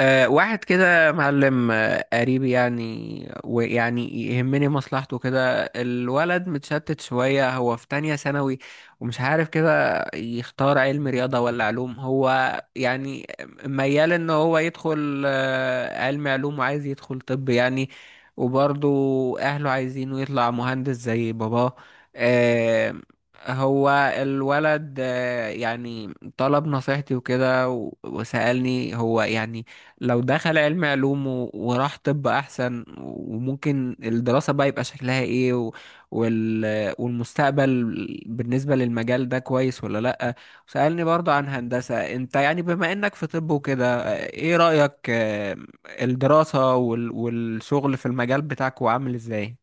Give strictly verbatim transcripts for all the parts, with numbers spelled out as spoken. أه واحد كده معلم آه، قريبي يعني ويعني يهمني مصلحته كده. الولد متشتت شوية، هو في تانية ثانوي ومش عارف كده يختار علم رياضة ولا علوم. هو يعني ميال ان هو يدخل آه، علم علوم وعايز يدخل طب يعني. وبرضه اهله عايزينه يطلع مهندس زي باباه. أه هو الولد آه، يعني طلب نصيحتي وكده و- وسألني هو يعني لو دخل علم علوم و- وراح طب احسن، وممكن الدراسة بقى يبقى شكلها ايه و- وال... والمستقبل بالنسبة للمجال ده كويس ولا لأ. سألني برضو عن هندسة، انت يعني بما انك في طب وكده ايه رأيك، آه، الدراسة وال... والشغل في المجال بتاعك وعامل ازاي؟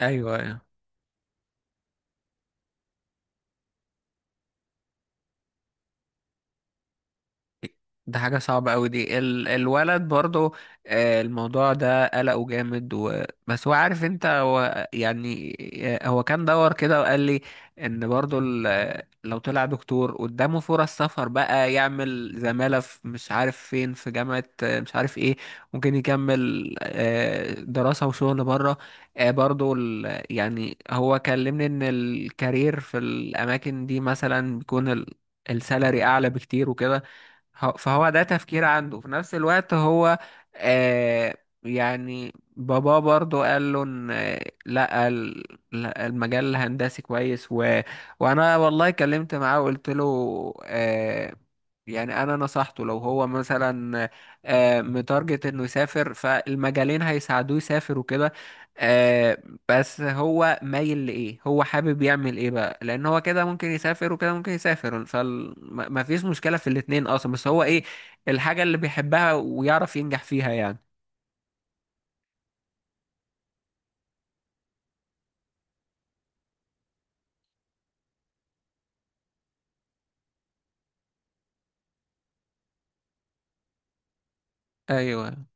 ايوه، أيوة. ده حاجة صعبة أوي دي. ال... الولد برضو، آه، الموضوع ده قلقه جامد، و... بس هو عارف انت هو يعني. آه، هو كان دور كده وقال لي ان برضو ال... آه، لو طلع دكتور قدامه فرص سفر بقى، يعمل زمالة في مش عارف فين، في جامعة آه، مش عارف ايه. ممكن يكمل آه، دراسة وشغل بره. آه، برضو ال... يعني هو كلمني ان الكارير في الأماكن دي مثلا بيكون ال... السالري أعلى بكتير وكده. هو- فهو ده تفكير عنده في نفس الوقت هو. آه يعني بابا برضو قال له ان آه، لا ال- لا، المجال الهندسي كويس. و... وانا والله كلمت معاه وقلت له، آه، يعني انا نصحته لو هو مثلا، آه، متارجت انه يسافر، فالمجالين هيساعدوه يسافر وكده. آه، بس هو مايل لايه؟ هو حابب يعمل ايه بقى؟ لان هو كده ممكن يسافر وكده ممكن يسافر، فما فيش مشكلة في الاتنين اصلا. بس هو ايه الحاجة اللي بيحبها ويعرف ينجح فيها يعني. ايوه.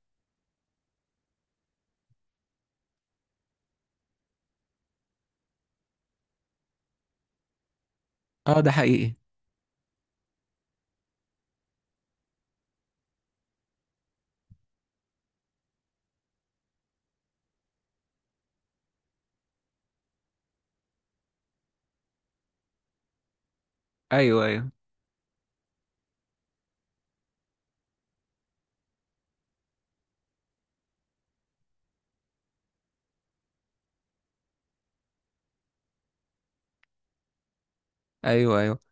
اه ده حقيقي. ايوه، ايوه. ايوه، ايوه.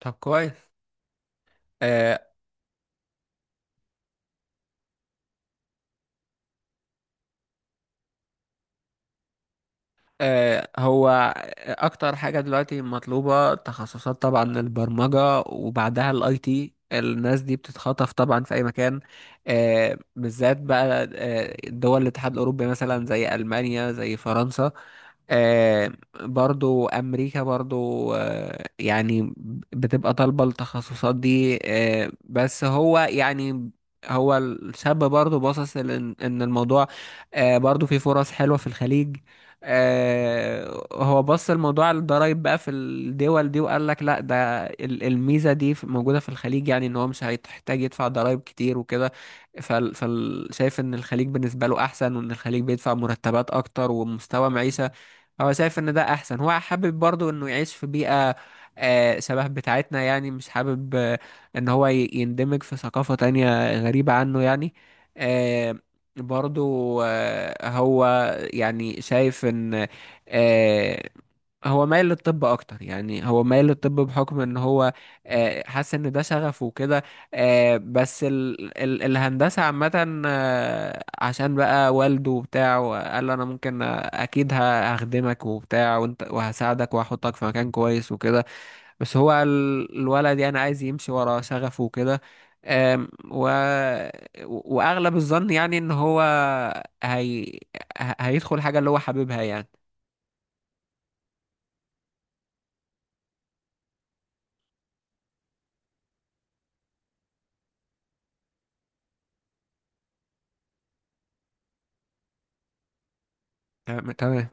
طب كويس. آه، آه، هو اكتر حاجه دلوقتي مطلوبه تخصصات طبعا البرمجه، وبعدها الاي تي. الناس دي بتتخطف طبعا في اي مكان، آه، بالذات بقى آه، دول الاتحاد الاوروبي مثلا، زي المانيا زي فرنسا. آه، برضو امريكا برضو، آه، يعني بتبقى طالبه التخصصات دي. آه، بس هو يعني، هو الشاب برضو باصص لان إن الموضوع، آه، برضو في فرص حلوه في الخليج. آه، هو بص الموضوع على الضرايب بقى في الدول دي، وقال لك لا ده ال- الميزة دي في- موجودة في الخليج، يعني ان هو مش هيحتاج يدفع ضرايب كتير وكده. فال فال- شايف ان الخليج بالنسبة له احسن، وان الخليج بيدفع مرتبات اكتر ومستوى معيشة. هو شايف ان ده احسن. هو حابب برضو انه يعيش في بيئة آه، شبه بتاعتنا يعني. مش حابب آه، ان هو ي- يندمج في ثقافة تانية غريبة عنه يعني. آه، برضو آه، هو يعني شايف ان، آه، هو مايل للطب اكتر. يعني هو مايل للطب بحكم ان هو آه، حاسس ان ده شغفه وكده. آه، بس ال ال الهندسة عامة، آه، عشان بقى والده وبتاع وقال له انا ممكن اكيد ه- هخدمك وبتاع وانت، وهساعدك وهحطك في مكان كويس وكده. بس هو ال- الولد يعني عايز يمشي ورا شغفه وكده. أم، و... واغلب الظن يعني ان هو هي... ه- هيدخل حاجه اللي هو حاببها يعني. تمام، تمام.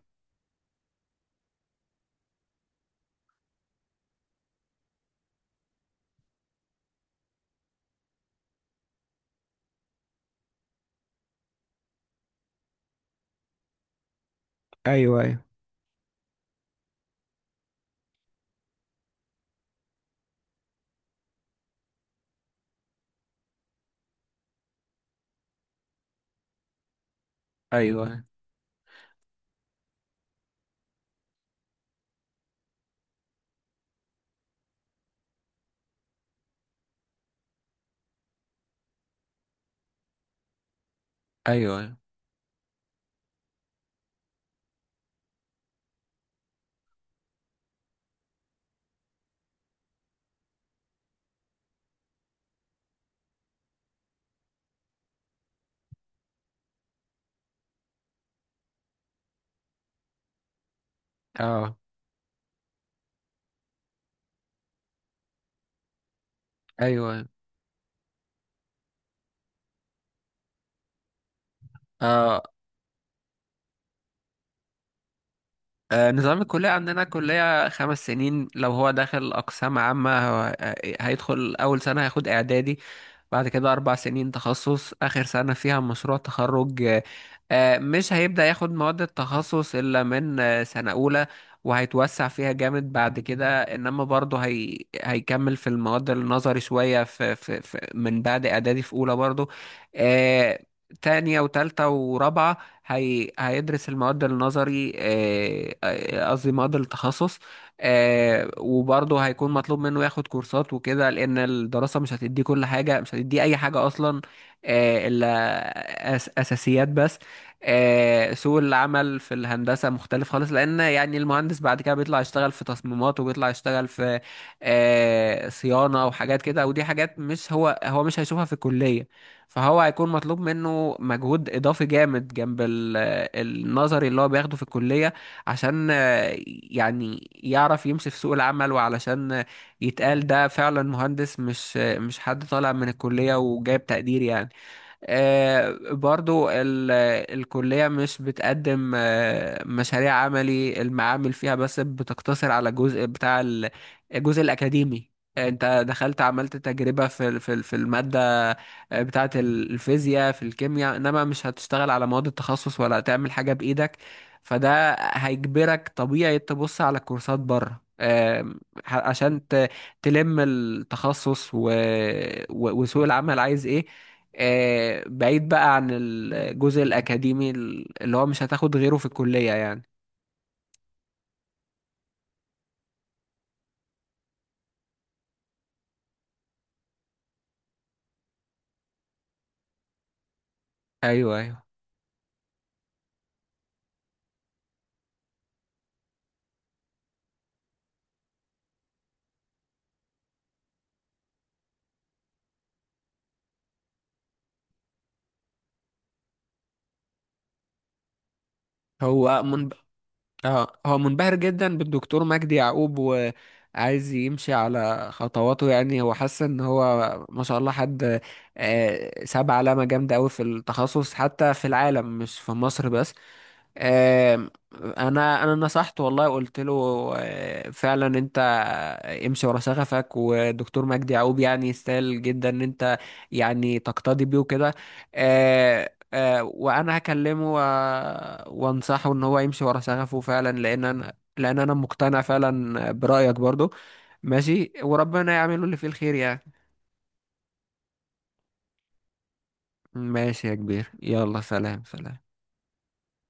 ايوه، ايوه. ايوه، ايوه. اه. ايوه. اه. آه، نظام الكلية عندنا كلية خمس سنين. لو هو داخل أقسام عامة، هو- آه، هيدخل أول سنة هياخد إعدادي، بعد كده أربع سنين تخصص، آخر سنة فيها مشروع تخرج. آه، آه، مش هيبدأ ياخد مواد التخصص إلا من آه، سنة أولى، وهيتوسع فيها جامد بعد كده. إنما برضه هي... هيكمل في المواد النظري شوية في... في... في... من بعد إعدادي، في أولى برضه، آه، تانية وتالتة ورابعة. هي... هيدرس المواد النظري، آه، آه، قصدي مواد التخصص. آه وبرضه هيكون مطلوب منه ياخد كورسات وكده، لأن الدراسة مش هتديه كل حاجة، مش هتديه أي حاجة أصلا، آه إلا أس أساسيات بس. آه سوق العمل في الهندسة مختلف خالص، لأن يعني المهندس بعد كده بيطلع يشتغل في تصميمات، وبيطلع يشتغل في آه صيانة وحاجات كده، ودي حاجات مش هو هو مش هيشوفها في الكلية. فهو هيكون مطلوب منه مجهود إضافي جامد جنب ال- النظري اللي هو بياخده في الكلية، عشان آه، يعني يعرف يمشي في سوق العمل، وعلشان آه، يتقال ده فعلا مهندس، مش آه، مش حد طالع من الكلية وجايب تقدير يعني. آه، برضو ال- الكلية مش بتقدم آه، مشاريع عملي. المعامل فيها بس بتقتصر على الجزء بتاع ال- الجزء الأكاديمي. آه، انت دخلت عملت تجربة في ال- في ال- في المادة آه، بتاعة ال- الفيزياء في الكيمياء، انما مش هتشتغل على مواد التخصص ولا هتعمل حاجة بإيدك. فده هيجبرك طبيعي تبص على الكورسات بره، آه، ح- عشان تلم التخصص و... و... وسوق العمل عايز ايه. آه، بعيد بقى عن الجزء الأكاديمي اللي هو مش هتاخد غيره في الكلية يعني. ايوه، ايوه. هو من... آه هو منبهر جدا بالدكتور مجدي يعقوب، وعايز يمشي على خطواته. يعني هو حاسس ان هو ما شاء الله حد آه، ساب علامة جامدة قوي في التخصص، حتى في العالم مش في مصر بس. آم، انا انا نصحته والله، قلت له آه، فعلا انت امشي ورا شغفك، ودكتور مجدي يعقوب يعني يستاهل جدا ان انت يعني تقتدي بيه وكده. آه، آه، وانا هكلمه و- وانصحه ان هو يمشي ورا شغفه فعلا، لان انا لان انا مقتنع فعلا برأيك برضو. ماشي، وربنا يعمله اللي فيه الخير يعني. ماشي يا كبير، يلا سلام، سلام.